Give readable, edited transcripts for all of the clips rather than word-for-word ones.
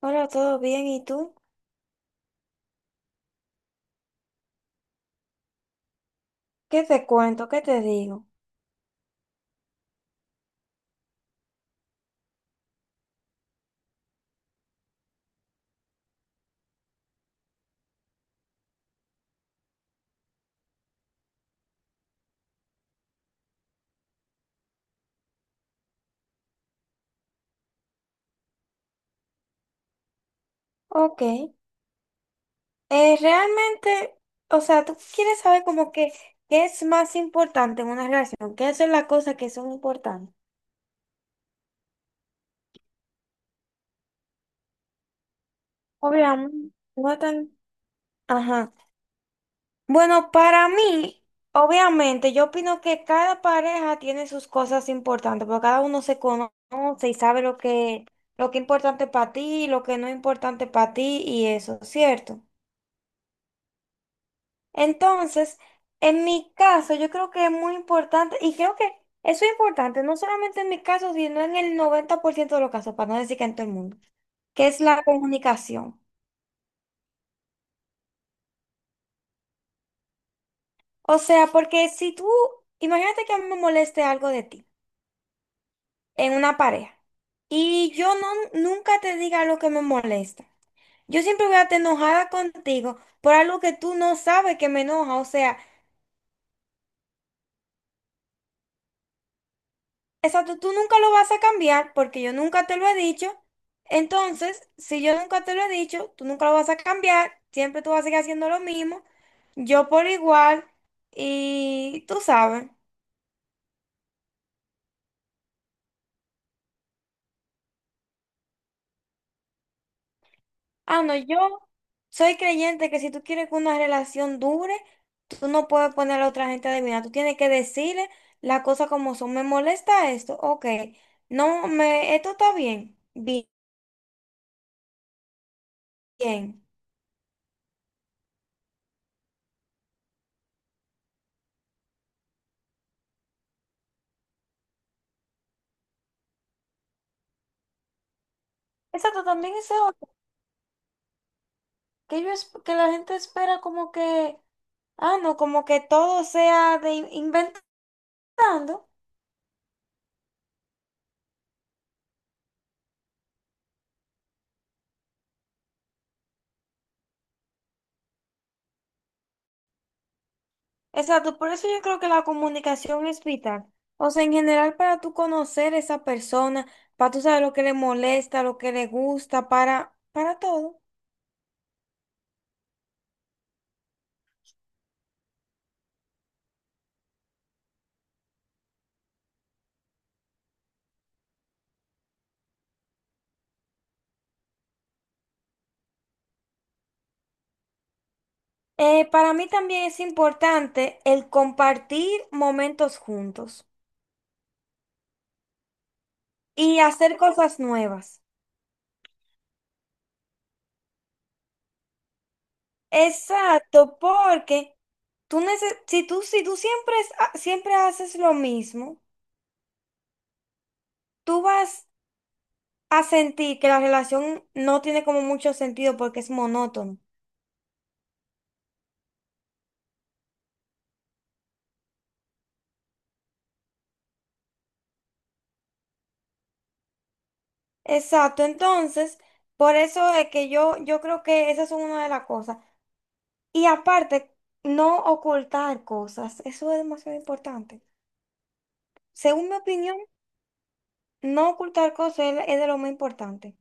Hola, ¿todo bien? ¿Y tú? ¿Qué te cuento? ¿Qué te digo? Ok. Realmente, o sea, tú quieres saber como que qué es más importante en una relación, qué son las cosas que son importantes. Obviamente, no tan... Ajá. Bueno, para mí, obviamente, yo opino que cada pareja tiene sus cosas importantes, porque cada uno se conoce y sabe lo que es importante para ti, lo que no es importante para ti y eso, ¿cierto? Entonces, en mi caso, yo creo que es muy importante, y creo que eso es importante, no solamente en mi caso, sino en el 90% de los casos, para no decir que en todo el mundo, que es la comunicación. O sea, porque si tú, imagínate que a mí me moleste algo de ti en una pareja, y yo no, nunca te diga lo que me molesta. Yo siempre voy a estar enojada contigo por algo que tú no sabes que me enoja. O sea, exacto, tú nunca lo vas a cambiar porque yo nunca te lo he dicho. Entonces, si yo nunca te lo he dicho, tú nunca lo vas a cambiar. Siempre tú vas a seguir haciendo lo mismo. Yo por igual. Y tú sabes. Ah, no, yo soy creyente que si tú quieres que una relación dure, tú no puedes poner a la otra gente a adivinar. Tú tienes que decirle las cosas como son. Me molesta esto. Ok. No, me, esto está bien. Bien. Exacto, también eso que la gente espera como que, ah, no, como que todo sea inventando. Exacto, por eso yo creo que la comunicación es vital. O sea, en general para tú conocer esa persona, para tú saber lo que le molesta, lo que le gusta, para todo. Para mí también es importante el compartir momentos juntos y hacer cosas nuevas. Exacto, porque si tú, si tú siempre, siempre haces lo mismo, tú vas a sentir que la relación no tiene como mucho sentido porque es monótono. Exacto, entonces, por eso es que yo creo que esa es una de las cosas. Y aparte, no ocultar cosas, eso es demasiado importante. Según mi opinión, no ocultar cosas es de lo más importante.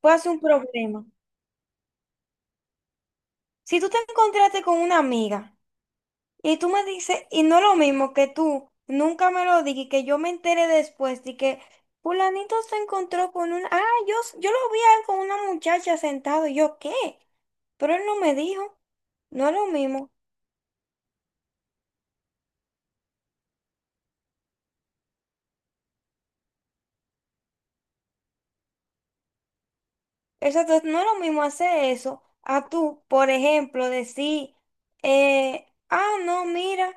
Puede ser un problema. Si tú te encontraste con una amiga y tú me dices, y no es lo mismo que tú nunca me lo digas y que yo me entere después de que fulanito se encontró con un, ah, yo lo vi a él con una muchacha sentado, y yo, ¿qué? Pero él no me dijo, no es lo mismo. Exacto, no es lo mismo hacer eso a tú, por ejemplo, decir, no, mira,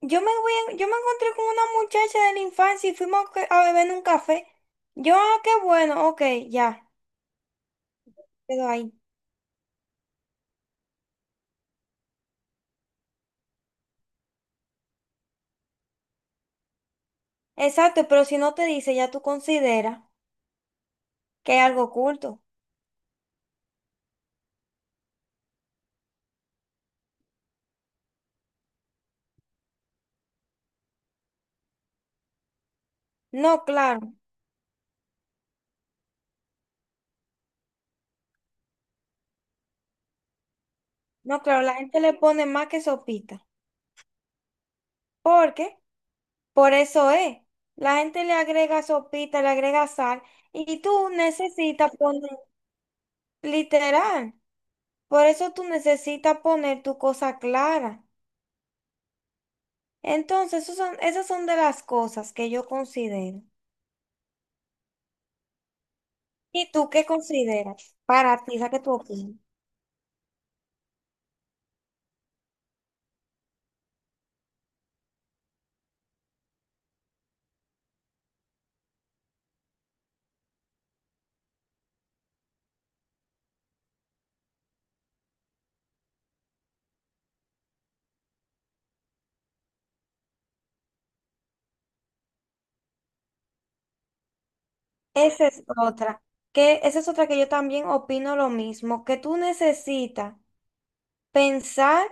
yo me encontré con una muchacha de la infancia y fuimos a beber en un café. Yo, ah, qué bueno, ok, ya, quedó ahí. Exacto, pero si no te dice, ya tú consideras que hay algo oculto. No, claro, no, claro, la gente le pone más que sopita. ¿Por qué? Por eso es. La gente le agrega sopita, le agrega sal, y tú necesitas poner, literal, por eso tú necesitas poner tu cosa clara. Entonces, esas son de las cosas que yo considero. ¿Y tú qué consideras para ti, sabes qué tú opinas? Esa es otra, que esa es otra que yo también opino lo mismo, que tú necesitas pensar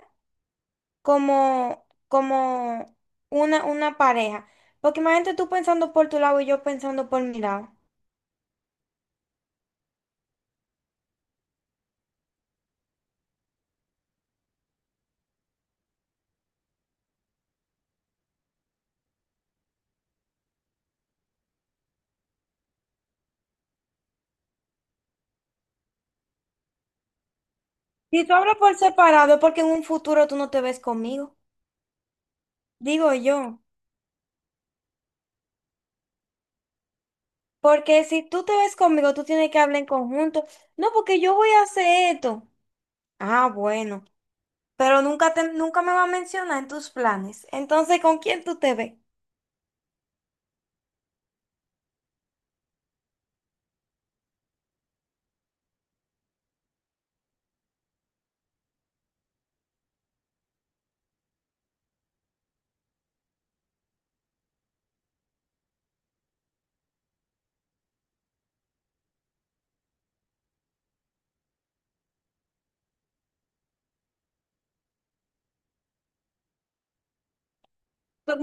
como una pareja. Porque imagínate tú pensando por tu lado y yo pensando por mi lado. Si tú hablas por separado es porque en un futuro tú no te ves conmigo, digo yo. Porque si tú te ves conmigo, tú tienes que hablar en conjunto. No, porque yo voy a hacer esto. Ah, bueno, pero nunca me va a mencionar en tus planes. Entonces, ¿con quién tú te ves?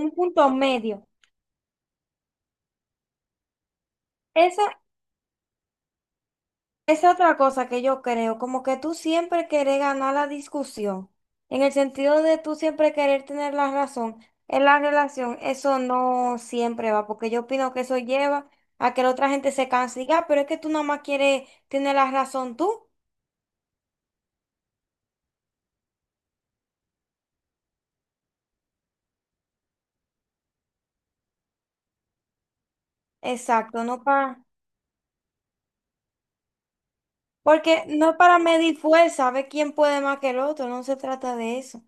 Un punto medio. Esa es otra cosa que yo creo, como que tú siempre querés ganar la discusión, en el sentido de tú siempre querer tener la razón en la relación, eso no siempre va, porque yo opino que eso lleva a que la otra gente se canse y diga, "Ah, pero es que tú nada más quieres tener la razón tú". Exacto, no para, porque no es para medir fuerza, ver quién puede más que el otro, no se trata de eso.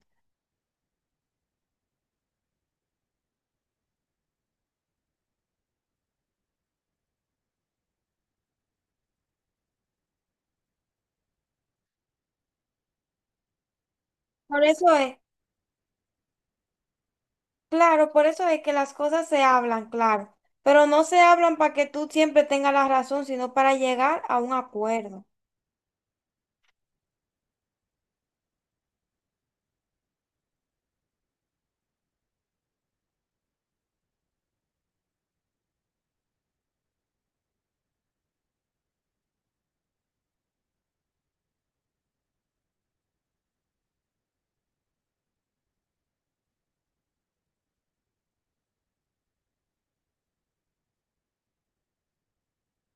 Por eso es. Claro, por eso es que las cosas se hablan, claro, pero no se hablan para que tú siempre tengas la razón, sino para llegar a un acuerdo.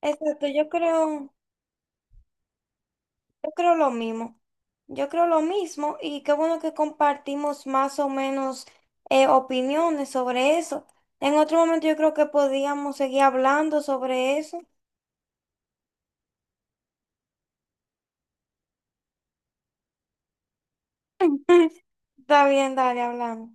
Exacto, yo creo lo mismo. Yo creo lo mismo y qué bueno que compartimos más o menos opiniones sobre eso. En otro momento yo creo que podíamos seguir hablando sobre eso. Está bien, dale, hablamos.